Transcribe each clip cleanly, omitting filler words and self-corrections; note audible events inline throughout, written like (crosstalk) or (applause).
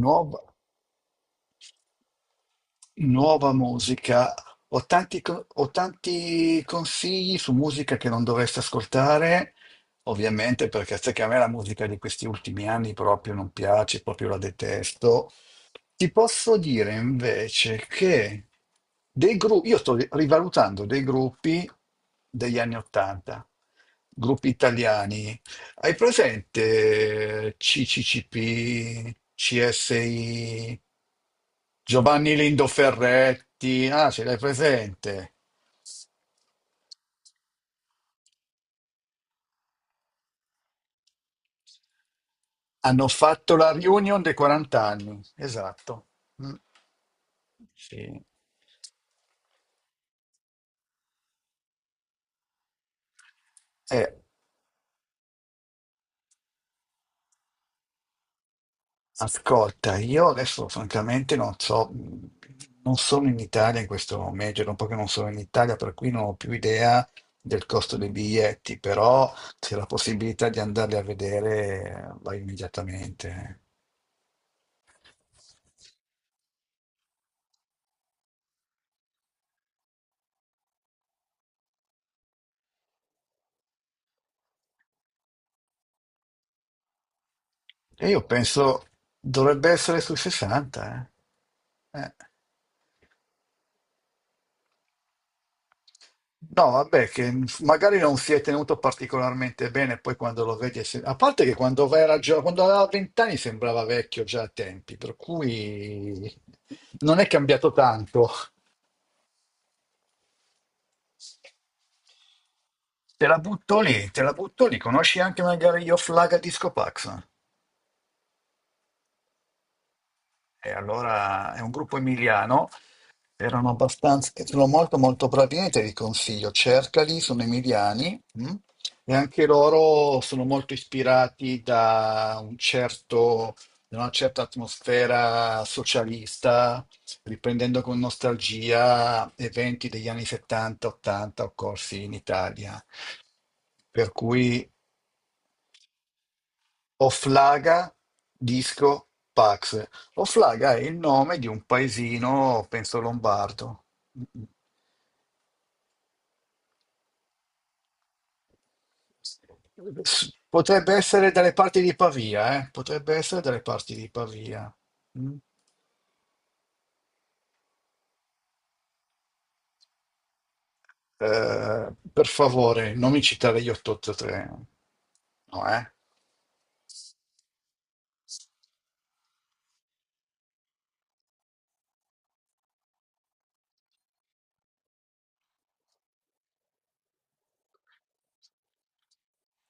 Nuova, nuova musica. Ho tanti consigli su musica che non dovresti ascoltare, ovviamente, perché sai che a me la musica di questi ultimi anni proprio non piace, proprio la detesto. Ti posso dire invece che dei gruppi, io sto rivalutando dei gruppi degli anni Ottanta, gruppi italiani. Hai presente CCCP, CSI, Giovanni Lindoferretti? Ah, ce l'hai presente? Hanno fatto la reunion dei 40 anni, esatto. Mm, sì. Eh, Ascolta, io adesso francamente non so, non sono in Italia in questo momento, è un po' che non sono in Italia, per cui non ho più idea del costo dei biglietti, però c'è la possibilità di andarli a vedere, vai immediatamente. E io penso dovrebbe essere sui 60, eh. No, vabbè, che magari non si è tenuto particolarmente bene, poi quando lo vedi. A parte che quando quando aveva 20 anni sembrava vecchio già a tempi, per cui non è cambiato tanto. Te la butto lì, te la butto lì, conosci anche magari Io Flaga Disco Pax? E allora è un gruppo emiliano, erano abbastanza, e sono molto molto bravi, niente vi consiglio, cercali, sono emiliani, mm? E anche loro sono molto ispirati da un certo, da una certa atmosfera socialista, riprendendo con nostalgia eventi degli anni 70-80 occorsi in Italia. Per cui Oflaga, Disco, Pax. Oflaga è il nome di un paesino, penso lombardo. Potrebbe essere dalle parti di Pavia, eh? Potrebbe essere dalle parti di Pavia. Mm. Per favore, non mi citare gli 883. No, eh?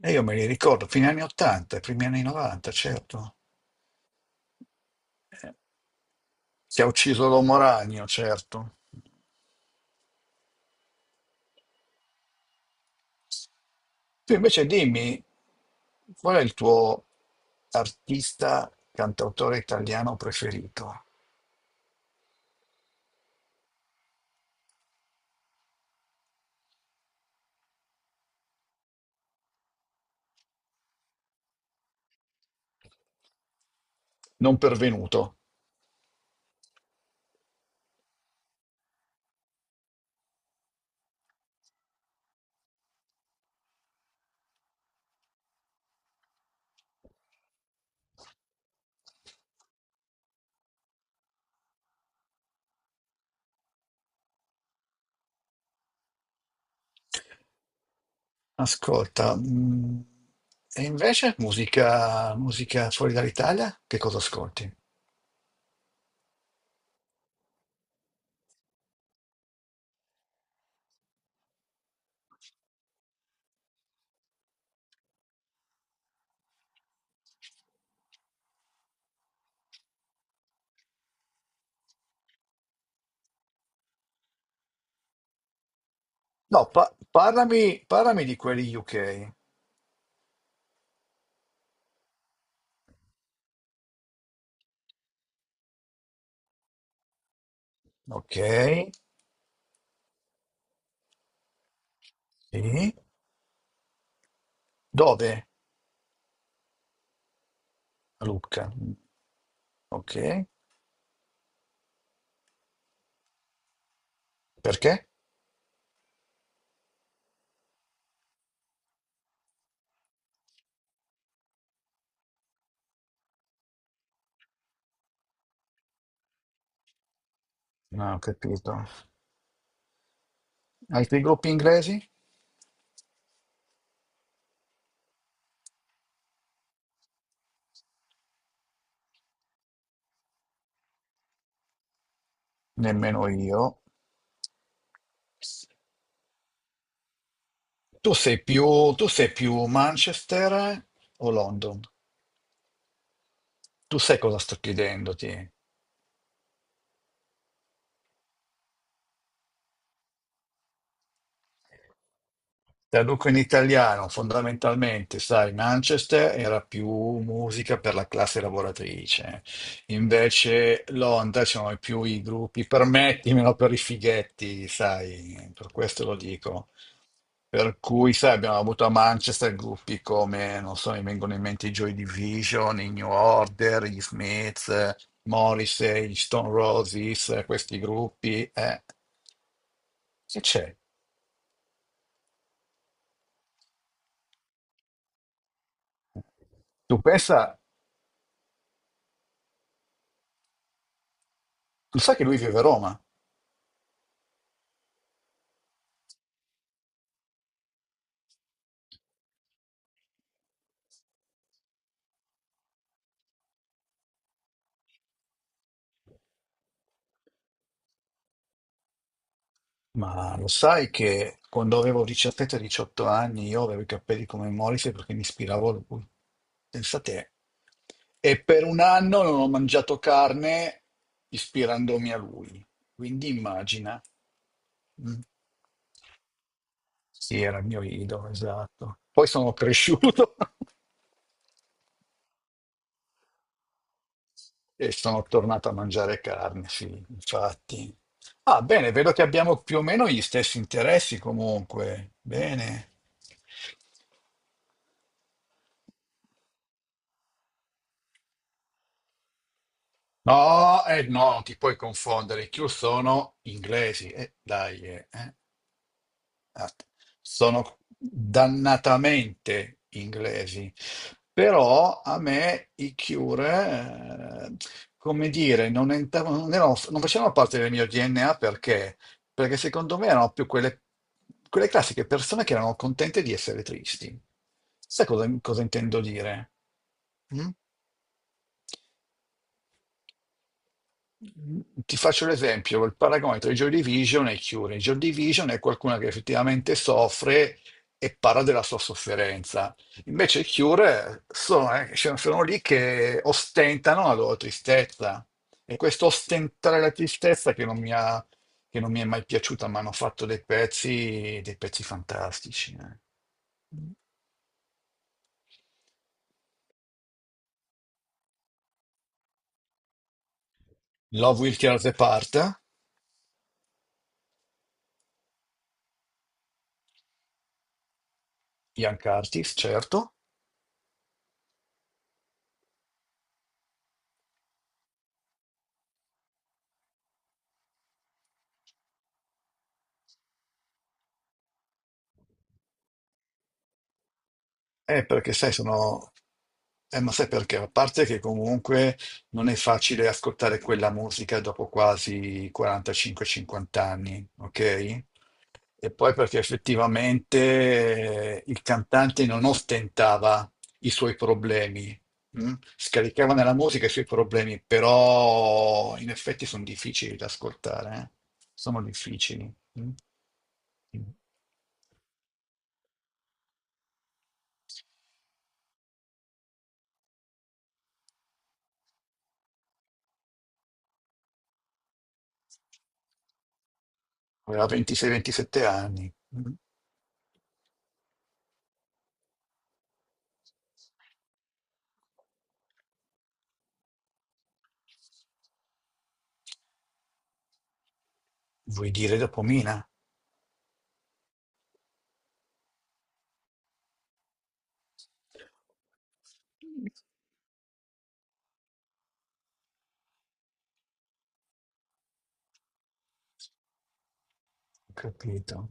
E io me li ricordo, fine anni 80, primi anni 90, certo. Eh, Che ha ucciso l'uomo ragno, certo. Tu invece dimmi, qual è il tuo artista, cantautore italiano preferito? Non pervenuto. Ascolta, e invece musica, musica fuori dall'Italia? Che cosa ascolti? No, parlami di quelli UK. Ok, sì. Dove? A Lucca. Ok, perché? Non ho capito. Altri gruppi inglesi? Nemmeno io. Tu sei più Manchester o London? Tu sai cosa sto chiedendoti? Traduco in italiano, fondamentalmente, sai, Manchester era più musica per la classe lavoratrice, invece Londra ci sono più i gruppi, permettimelo, per i fighetti, sai, per questo lo dico. Per cui, sai, abbiamo avuto a Manchester gruppi come, non so, mi vengono in mente i Joy Division, i New Order, gli Smiths, Morrissey, gli Stone Roses, questi gruppi. Che c'è? Tu pensa, tu sai che lui vive a Roma? Ma lo sai che quando avevo 17-18 anni io avevo i capelli come Morrissey perché mi ispiravo a lui, pensa te. E per un anno non ho mangiato carne ispirandomi a lui. Quindi immagina. Mm. Sì, era il mio idolo, esatto. Poi sono cresciuto (laughs) e sono tornato a mangiare carne, sì, infatti. Ah, bene, vedo che abbiamo più o meno gli stessi interessi comunque. Bene. No, no, ti puoi confondere. I Cure sono inglesi. Dai, eh. Ah, sono dannatamente inglesi. Però a me i Cure, come dire, non, entravano, non, non facevano parte del mio DNA perché secondo me erano più quelle classiche persone che erano contente di essere tristi. Sai cosa intendo dire? Mm? Ti faccio l'esempio, il paragone tra i Joy Division e i Cure. I Joy Division è qualcuno che effettivamente soffre e parla della sua sofferenza. Invece i Cure sono, sono lì che ostentano la loro tristezza. E questo ostentare la tristezza che non mi ha- che non mi è mai piaciuta, ma hanno fatto dei pezzi fantastici. Love Will Tear Us Apart, Young Artist, certo. Perché sai, sono ma sai perché? A parte che comunque non è facile ascoltare quella musica dopo quasi 45-50 anni, ok? E poi perché effettivamente il cantante non ostentava i suoi problemi, mm? Scaricava nella musica i suoi problemi, però in effetti sono difficili da ascoltare, eh? Sono difficili. Mm? Aveva 26-27 anni, mm? Vuoi dire dopo Mina? Ho Capito.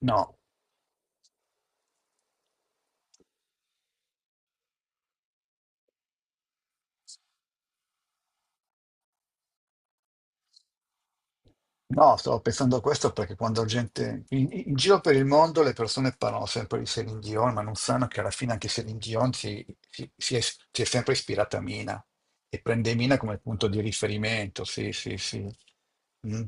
No, no, stavo pensando a questo perché quando gente in giro per il mondo le persone parlano sempre di Celine Dion, ma non sanno che alla fine anche Celine Dion si è sempre ispirata a Mina e prende Mina come punto di riferimento. Sì, sì, sì. Mm.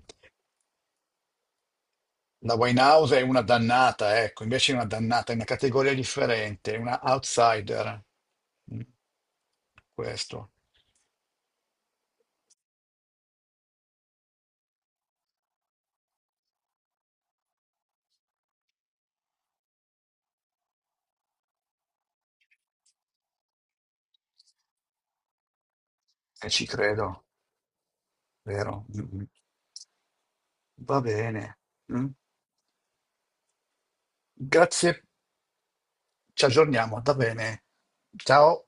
La Winehouse è una dannata, ecco, invece è una dannata, è una categoria differente, è una outsider. Mm. Questo. E ci credo, vero? Mm, mm. Va bene. Mm. Grazie, ci aggiorniamo. Va bene. Ciao.